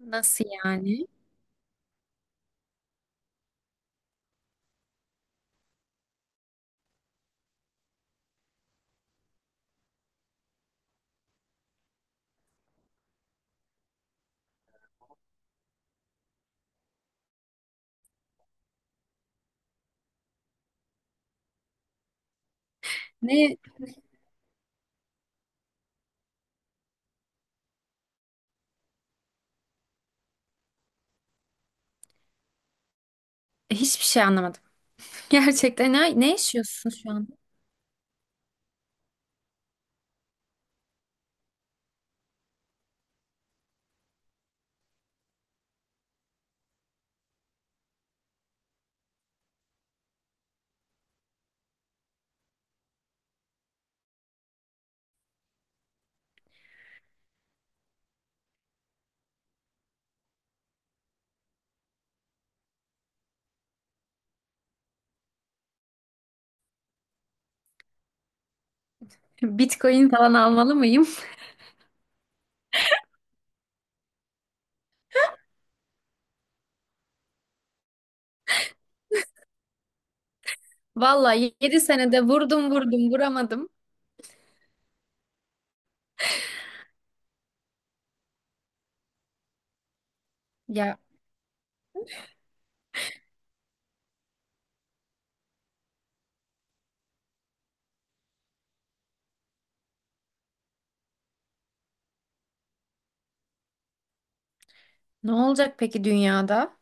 Nasıl yani? Ne? Hiçbir şey anlamadım. Gerçekten ne yaşıyorsun şu an? Bitcoin falan almalı mıyım? Vallahi 7 senede vurdum vuramadım. Ya Ne olacak peki dünyada?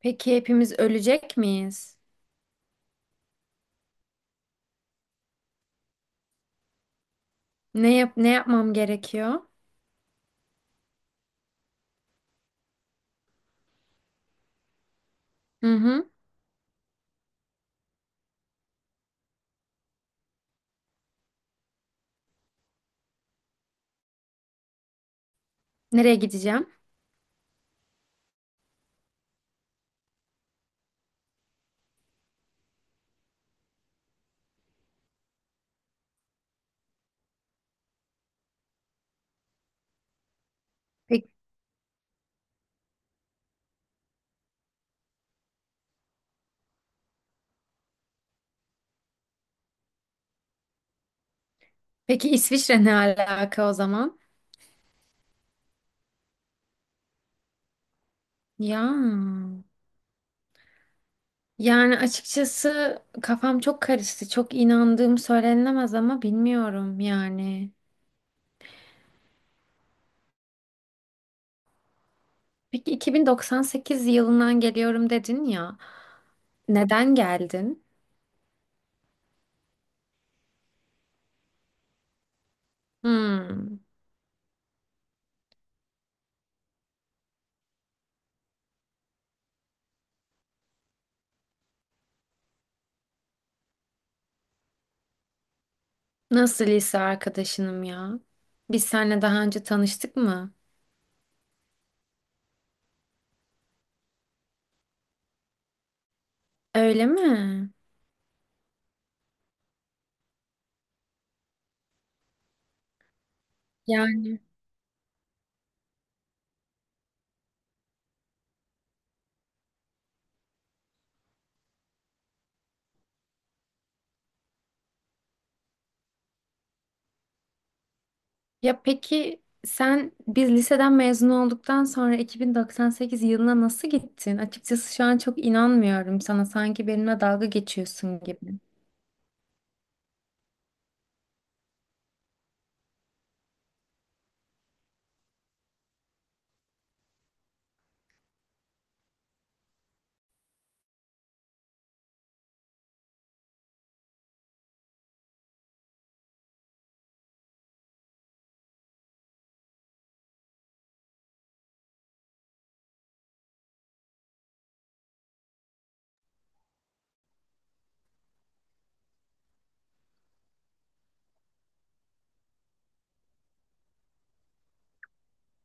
Peki hepimiz ölecek miyiz? Ne yap ne yapmam gerekiyor? Hı hı. Nereye gideceğim? Peki, peki İsviçre ne alaka o zaman? Ya Yani açıkçası kafam çok karıştı. Çok inandığım söylenemez ama bilmiyorum yani. Peki 2098 yılından geliyorum dedin ya. Neden geldin? Hmm. Nasıl lise arkadaşınım ya? Biz seninle daha önce tanıştık mı? Öyle mi? Yani peki sen biz liseden mezun olduktan sonra 2098 yılına nasıl gittin? Açıkçası şu an çok inanmıyorum sana. Sanki benimle dalga geçiyorsun gibi.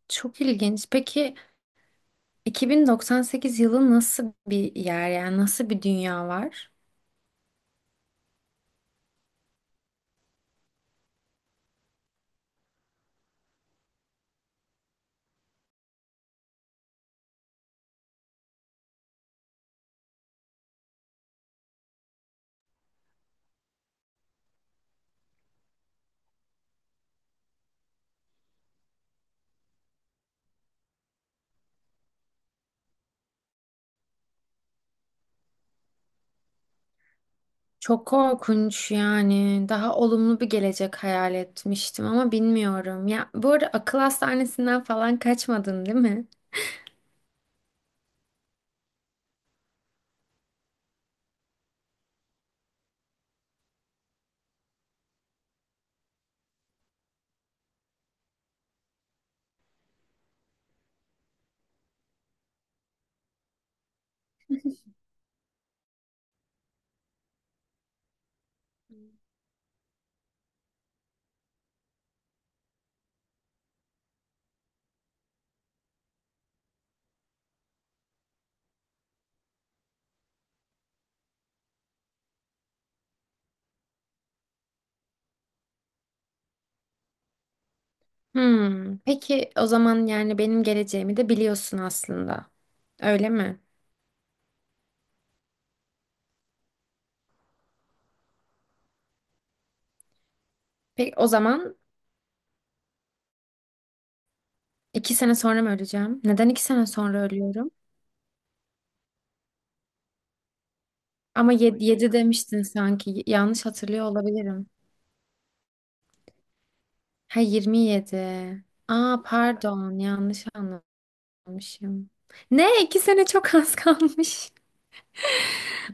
Çok ilginç. Peki 2098 yılı nasıl bir yer yani nasıl bir dünya var? Çok korkunç yani. Daha olumlu bir gelecek hayal etmiştim ama bilmiyorum. Ya bu arada akıl hastanesinden falan kaçmadın değil mi? Hmm. Peki o zaman yani benim geleceğimi de biliyorsun aslında. Öyle mi? Peki o zaman iki sene sonra mı öleceğim? Neden iki sene sonra ölüyorum? Ama yedi demiştin sanki. Yanlış hatırlıyor olabilirim. Ha 27. Aa pardon yanlış anlamışım. Ne? İki sene çok az kalmış.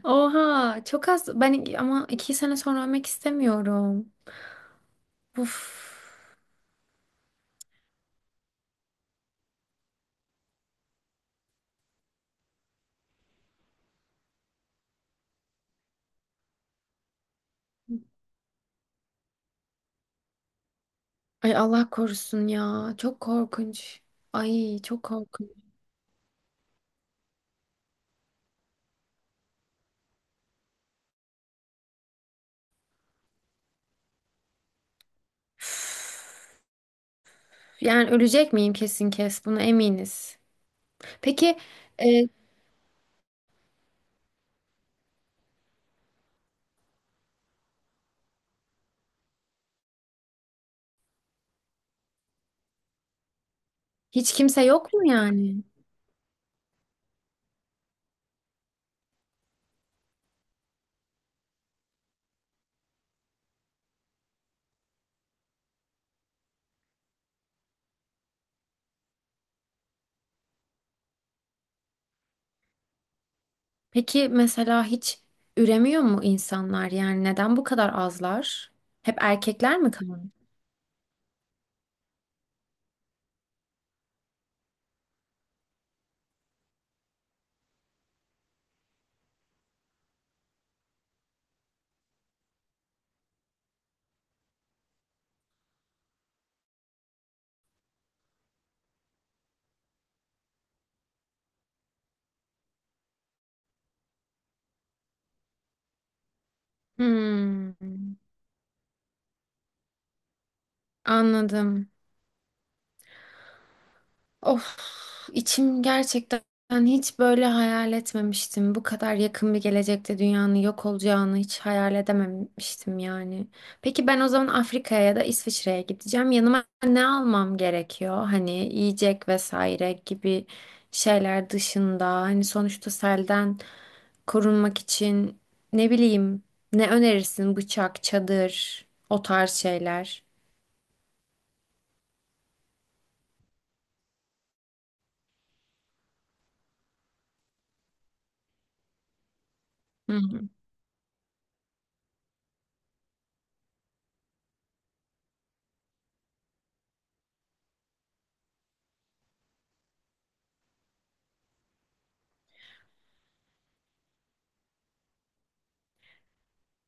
Oha çok az. Ama iki sene sonra ölmek istemiyorum. Uf. Ay Allah korusun ya. Çok korkunç. Ay çok korkunç. Yani ölecek miyim kesin kes. Buna eminiz. Peki e, hiç kimse yok mu yani? Peki mesela hiç üremiyor mu insanlar? Yani neden bu kadar azlar? Hep erkekler mi kalıyor? Hmm, anladım. Of, içim gerçekten hiç böyle hayal etmemiştim. Bu kadar yakın bir gelecekte dünyanın yok olacağını hiç hayal edememiştim yani. Peki ben o zaman Afrika'ya ya da İsviçre'ye gideceğim. Yanıma ne almam gerekiyor? Hani yiyecek vesaire gibi şeyler dışında. Hani sonuçta selden korunmak için ne bileyim ne önerirsin? Bıçak, çadır, o tarz şeyler. Hı hı.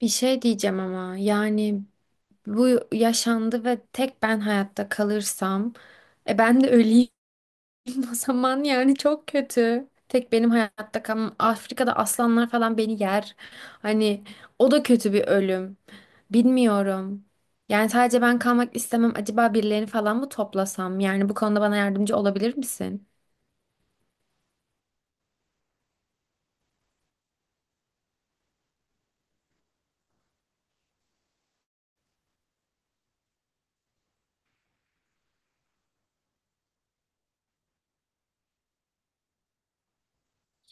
Bir şey diyeceğim ama yani bu yaşandı ve tek ben hayatta kalırsam ben de öleyim o zaman yani çok kötü. Tek benim hayatta kalmam. Afrika'da aslanlar falan beni yer. Hani o da kötü bir ölüm. Bilmiyorum. Yani sadece ben kalmak istemem. Acaba birilerini falan mı toplasam? Yani bu konuda bana yardımcı olabilir misin?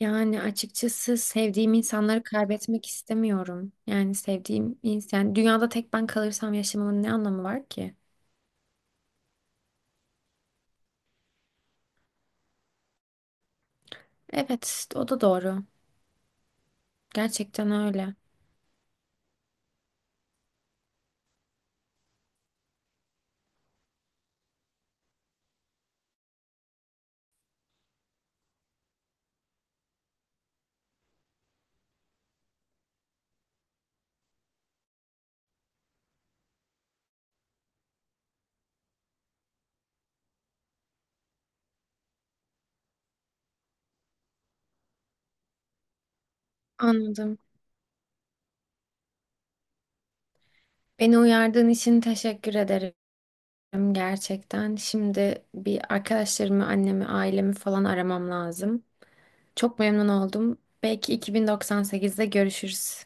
Yani açıkçası sevdiğim insanları kaybetmek istemiyorum. Yani sevdiğim insan, dünyada tek ben kalırsam yaşamamın ne anlamı var ki? Evet, o da doğru. Gerçekten öyle. Anladım. Beni uyardığın için teşekkür ederim gerçekten. Şimdi bir arkadaşlarımı, annemi, ailemi falan aramam lazım. Çok memnun oldum. Belki 2098'de görüşürüz.